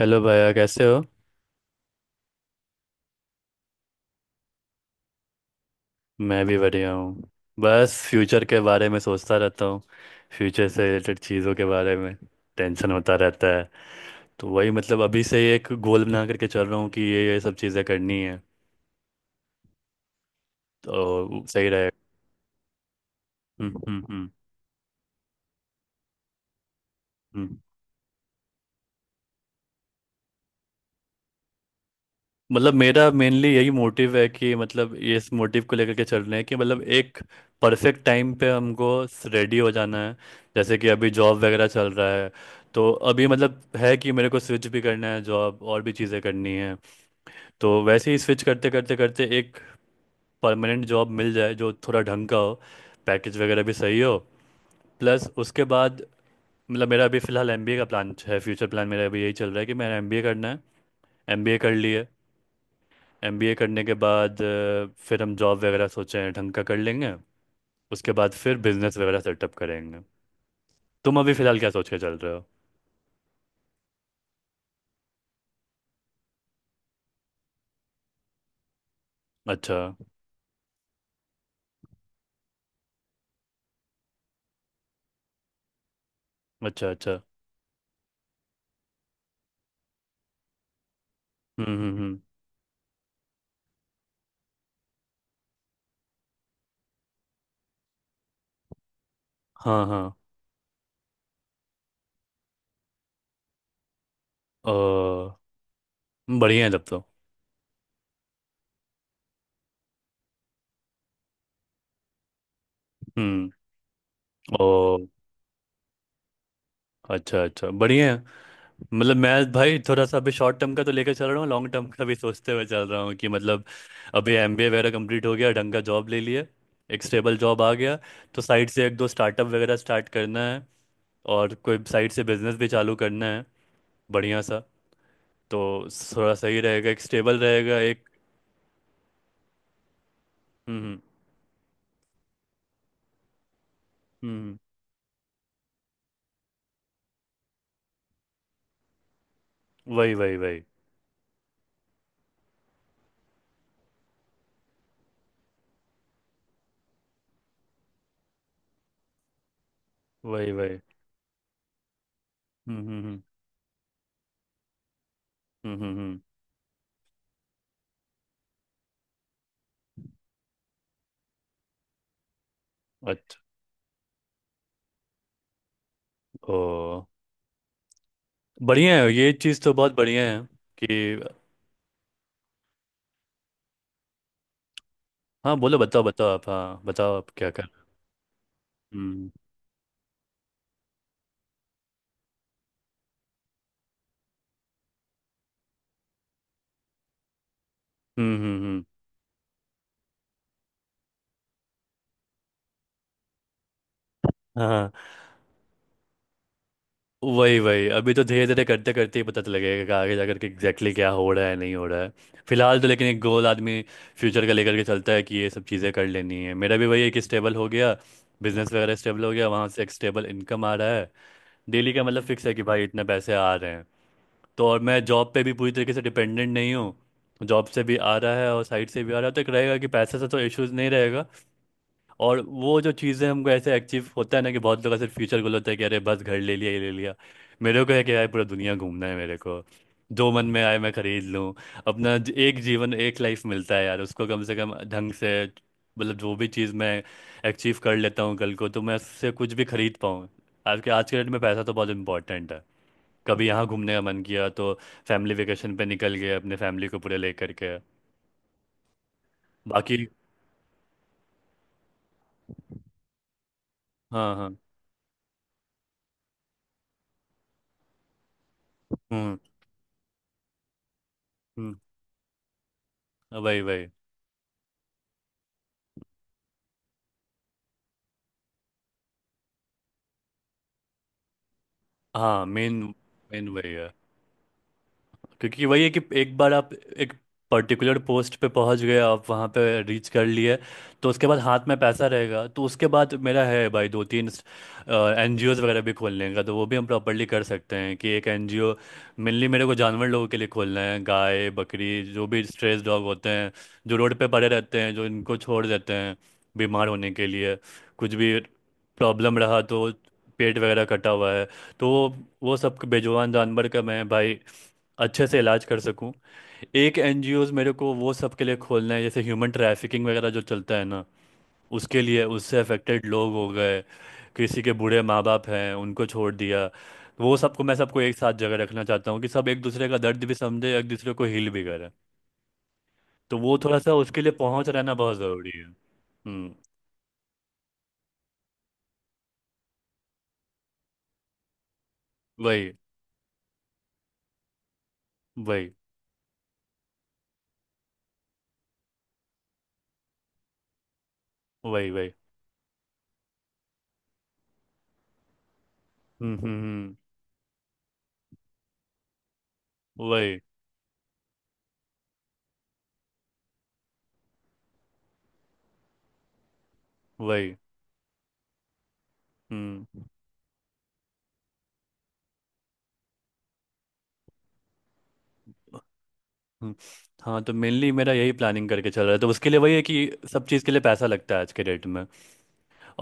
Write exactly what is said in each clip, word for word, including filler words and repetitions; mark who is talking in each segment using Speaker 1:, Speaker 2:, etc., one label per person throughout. Speaker 1: Hello भैया, कैसे हो? मैं भी बढ़िया हूँ। बस फ्यूचर के बारे में सोचता रहता हूँ, फ्यूचर से रिलेटेड चीज़ों के बारे में। टेंशन होता रहता है। तो वही, मतलब अभी से ही एक गोल बना करके चल रहा हूँ कि ये ये सब चीज़ें करनी है, तो सही रहेगा। हम्म, हम्म, हम्म, हम्म। मतलब मेरा मेनली यही मोटिव है कि मतलब ये इस मोटिव को लेकर के चल रहे हैं कि मतलब एक परफेक्ट टाइम पे हमको रेडी हो जाना है। जैसे कि अभी जॉब वगैरह चल रहा है, तो अभी मतलब है कि मेरे को स्विच भी करना है जॉब, और भी चीज़ें करनी है। तो वैसे ही स्विच करते करते करते एक परमानेंट जॉब मिल जाए जो थोड़ा ढंग का हो, पैकेज वगैरह भी सही हो। प्लस उसके बाद मतलब मेरा अभी फ़िलहाल एम बी ए का प्लान है। फ्यूचर प्लान मेरा अभी यही चल रहा है कि मेरा एम बी ए करना है। एम बी ए कर लिए, एम बी ए करने के बाद अ, फिर हम जॉब वगैरह सोचे हैं ढंग का कर लेंगे। उसके बाद फिर बिजनेस वगैरह सेटअप करेंगे। तुम अभी फिलहाल क्या सोच के चल रहे हो? अच्छा, अच्छा। अच्छा। हम्म, हम्म, हम्म। हाँ, हाँ। ओ, बढ़िया है तब तो। हम्म। ओ, अच्छा, अच्छा, बढ़िया है। मतलब मैं भाई थोड़ा सा अभी शॉर्ट टर्म का तो लेकर चल रहा हूँ, लॉन्ग टर्म का भी सोचते हुए चल रहा हूँ कि मतलब अभी एमबीए वगैरह कंप्लीट हो गया, ढंग का जॉब ले लिया, एक स्टेबल जॉब आ गया, तो साइड से एक दो स्टार्टअप वगैरह स्टार्ट करना है और कोई साइड से बिजनेस भी चालू करना है बढ़िया सा। तो थोड़ा सही रहेगा, एक स्टेबल रहेगा एक। हम्म, हम्म, हम्म, हम्म, वही, वही, वही, वही, वही। हम्म, हम्म, हम्म, हम्म, हम्म, हम्म। अच्छा। ओ, बढ़िया है, ये चीज़ तो बहुत बढ़िया है कि। हाँ, बोलो, बताओ, बताओ आप, हाँ, बताओ आप क्या कर। हम्म, हम्म, हम्म, हम्म। हाँ, वही वही। अभी तो धीरे धीरे करते करते ही पता लगेगा कि आगे जाकर के एग्जैक्टली क्या हो रहा है, नहीं हो रहा है। फिलहाल तो लेकिन एक गोल आदमी फ्यूचर का लेकर के चलता है कि ये सब चीज़ें कर लेनी है। मेरा भी वही है कि स्टेबल हो गया, बिजनेस वगैरह स्टेबल हो गया, वहाँ से एक स्टेबल इनकम आ रहा है, डेली का मतलब फिक्स है कि भाई इतने पैसे आ रहे हैं, तो और मैं जॉब पे भी पूरी तरीके से डिपेंडेंट नहीं हूँ। जॉब से भी आ रहा है और साइड से भी आ रहा है, तो एक रहेगा कि पैसे से तो इश्यूज नहीं रहेगा। और वो जो चीज़ें हमको ऐसे अचीव होता है ना, कि बहुत लोग ऐसे फ्यूचर गोल होता है कि अरे बस घर ले लिया, ये ले लिया। मेरे को है कि यार पूरा दुनिया घूमना है मेरे को, जो मन में आए मैं खरीद लूँ। अपना ज- एक जीवन, एक लाइफ मिलता है यार, उसको कम से कम ढंग से, मतलब जो भी चीज़ मैं अचीव कर लेता हूँ कल को, तो मैं उससे कुछ भी खरीद पाऊँ। आज के आज के डेट में पैसा तो बहुत इंपॉर्टेंट है। कभी यहाँ घूमने का मन किया तो फैमिली वेकेशन पे निकल गए अपने फैमिली को पूरे लेकर के। बाकी। हाँ, हाँ। हम्म, हम्म, वही वही। हाँ, मेन। मेन वही है। क्योंकि वही है कि एक बार आप एक पर्टिकुलर पोस्ट पे पहुंच गए, आप वहाँ पे रीच कर लिए, तो उसके बाद हाथ में पैसा रहेगा, तो उसके बाद मेरा है भाई दो तीन एन जी ओज़ वगैरह भी खोलने का, तो वो भी हम प्रॉपरली कर सकते हैं कि एक एन जी ओ मेनली मेरे को जानवर लोगों के लिए खोलना है, गाय बकरी जो भी स्ट्रेस डॉग होते हैं जो रोड पे पड़े रहते हैं, जो इनको छोड़ देते हैं बीमार होने के लिए, कुछ भी प्रॉब्लम रहा तो, पेट वगैरह कटा हुआ है, तो वो वो सब बेजुबान जानवर का मैं भाई अच्छे से इलाज कर सकूं। एक एन जी ओज़ मेरे को वो सब के लिए खोलना है जैसे ह्यूमन ट्रैफिकिंग वगैरह जो चलता है ना, उसके लिए, उससे अफेक्टेड लोग हो गए, किसी के बूढ़े माँ बाप हैं उनको छोड़ दिया, वो सबको मैं सबको एक साथ जगह रखना चाहता हूँ कि सब एक दूसरे का दर्द भी समझे, एक दूसरे को हील भी करे। तो वो थोड़ा सा उसके लिए पहुँच रहना बहुत ज़रूरी है। हम्म, वही, वही, वही, वही। हम्म, हम्म, हम्म, वही, वही। हम्म, हम्म। हाँ, तो मेनली मेरा यही प्लानिंग करके चल रहा है, तो उसके लिए वही है कि सब चीज़ के लिए पैसा लगता है आज के डेट में।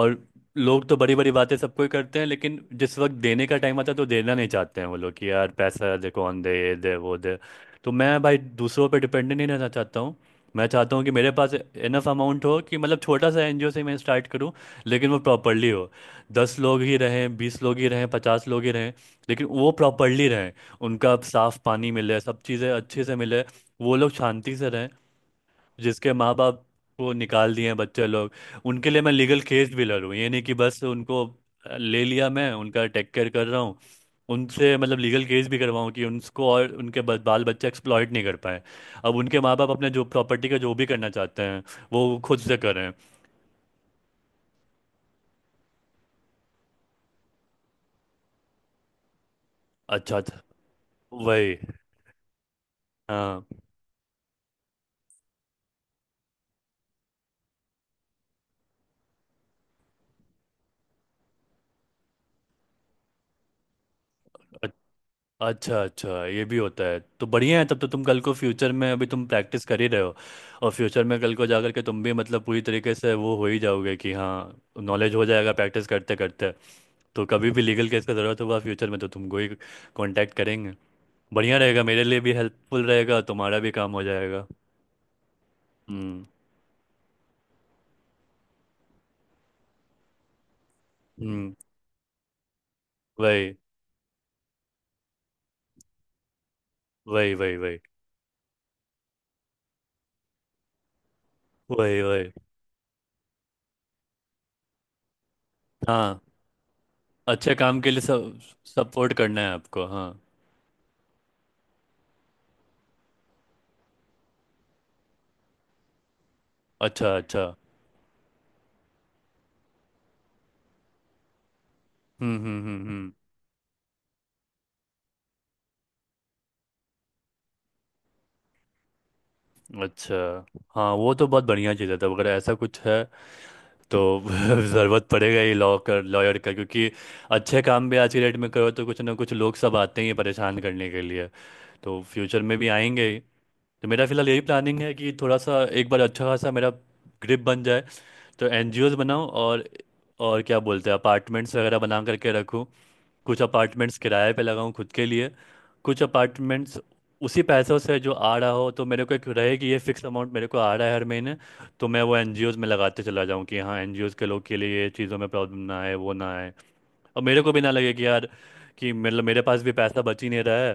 Speaker 1: और लोग तो बड़ी बड़ी बातें सबको ही करते हैं लेकिन जिस वक्त देने का टाइम आता है तो देना नहीं चाहते हैं, वो लोग कि यार पैसा दे, कौन दे, ये दे, वो दे। तो मैं भाई दूसरों पे डिपेंडेंट नहीं रहना चाहता हूँ। मैं चाहता हूँ कि मेरे पास इनफ अमाउंट हो, कि मतलब छोटा सा एन जी ओ से मैं स्टार्ट करूँ लेकिन वो प्रॉपरली हो। दस लोग ही रहें, बीस लोग ही रहें, पचास लोग ही रहें, लेकिन वो प्रॉपरली रहें। उनका साफ पानी मिले, सब चीज़ें अच्छे से मिले, वो लोग शांति से रहें। जिसके माँ बाप को निकाल दिए हैं बच्चे लोग, उनके लिए मैं लीगल केस भी लड़ूँ, ये नहीं कि बस उनको ले लिया मैं, उनका टेक केयर कर रहा हूँ। उनसे मतलब लीगल केस भी करवाऊँ कि उनको और उनके ब- बाल बच्चे एक्सप्लॉइट नहीं कर पाए, अब उनके माँ बाप अपने जो प्रॉपर्टी का जो भी करना चाहते हैं वो खुद से करें। अच्छा, अच्छा। वही। हाँ। अच्छा, अच्छा, ये भी होता है तो बढ़िया है तब तो। तुम कल को फ्यूचर में, अभी तुम प्रैक्टिस कर ही रहे हो, और फ्यूचर में कल को जाकर के तुम भी मतलब पूरी तरीके से वो हो ही जाओगे कि हाँ, नॉलेज हो जाएगा प्रैक्टिस करते करते। तो कभी भी लीगल केस का ज़रूरत हुआ फ्यूचर में, तो तुमको ही कांटेक्ट करेंगे, बढ़िया रहेगा, मेरे लिए भी हेल्पफुल रहेगा, तुम्हारा भी काम हो जाएगा। हम्म, हम्म, वही, वही, वही, वही, वही, वही। हाँ, अच्छे काम के लिए सब सपोर्ट करना है आपको, हाँ। अच्छा, अच्छा। हम्म, हम्म, हम्म, हम्म। अच्छा। हाँ, वो तो बहुत बढ़िया चीज़ है तब, अगर ऐसा कुछ है तो ज़रूरत पड़ेगा ही लॉ कर लॉयर का, क्योंकि अच्छे काम भी आज की डेट में करो तो कुछ ना कुछ लोग सब आते ही हैं परेशान करने के लिए, तो फ्यूचर में भी आएंगे ही। तो मेरा फिलहाल यही प्लानिंग है कि थोड़ा सा एक बार अच्छा खासा मेरा ग्रिप बन जाए, तो एन जी ओज़ बनाऊँ और और क्या बोलते हैं, अपार्टमेंट्स वगैरह बना करके रखूँ। कुछ अपार्टमेंट्स किराए पे लगाऊं खुद के लिए, कुछ अपार्टमेंट्स उसी पैसों से जो आ रहा हो, तो मेरे को एक रहे कि ये फिक्स अमाउंट मेरे को आ रहा है हर महीने, तो मैं वो एन जी ओज़ में लगाते चला जाऊं कि हाँ, एन जी ओज़ के लोग के लिए ये चीज़ों में प्रॉब्लम ना आए, वो ना आए। और मेरे को भी ना लगे कि यार कि मतलब मेरे पास भी पैसा बच ही नहीं रहा है,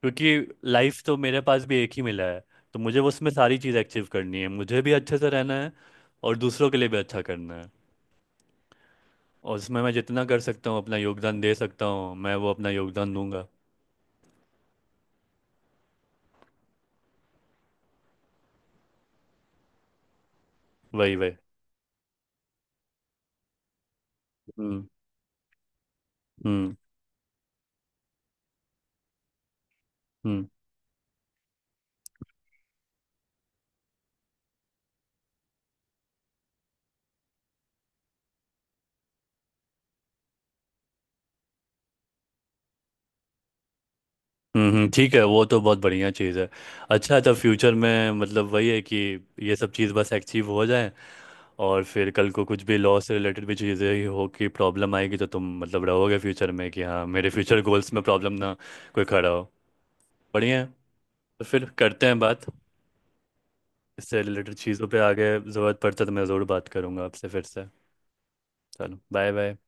Speaker 1: क्योंकि लाइफ तो मेरे पास भी एक ही मिला है। तो मुझे उसमें सारी चीज़ें अचीव करनी है, मुझे भी अच्छे से रहना है और दूसरों के लिए भी अच्छा करना है। और उसमें मैं जितना कर सकता हूँ अपना योगदान दे सकता हूँ, मैं वो अपना योगदान दूंगा। वही, वही। हम्म, हम्म, हम्म, हम्म, हम्म। ठीक है, वो तो बहुत बढ़िया चीज़ है। अच्छा, तो फ्यूचर में मतलब वही है कि ये सब चीज़ बस अचीव हो जाए, और फिर कल को कुछ भी लॉ से रिलेटेड भी चीज़ें ही हो कि प्रॉब्लम आएगी तो तुम मतलब रहोगे फ्यूचर में कि हाँ, मेरे फ्यूचर गोल्स में प्रॉब्लम ना कोई खड़ा हो। बढ़िया है। तो फिर करते हैं बात इससे रिलेटेड चीज़ों पे आगे। ज़रूरत पड़ता है तो मैं ज़रूर बात करूँगा आपसे फिर से। चलो, बाय, बाय।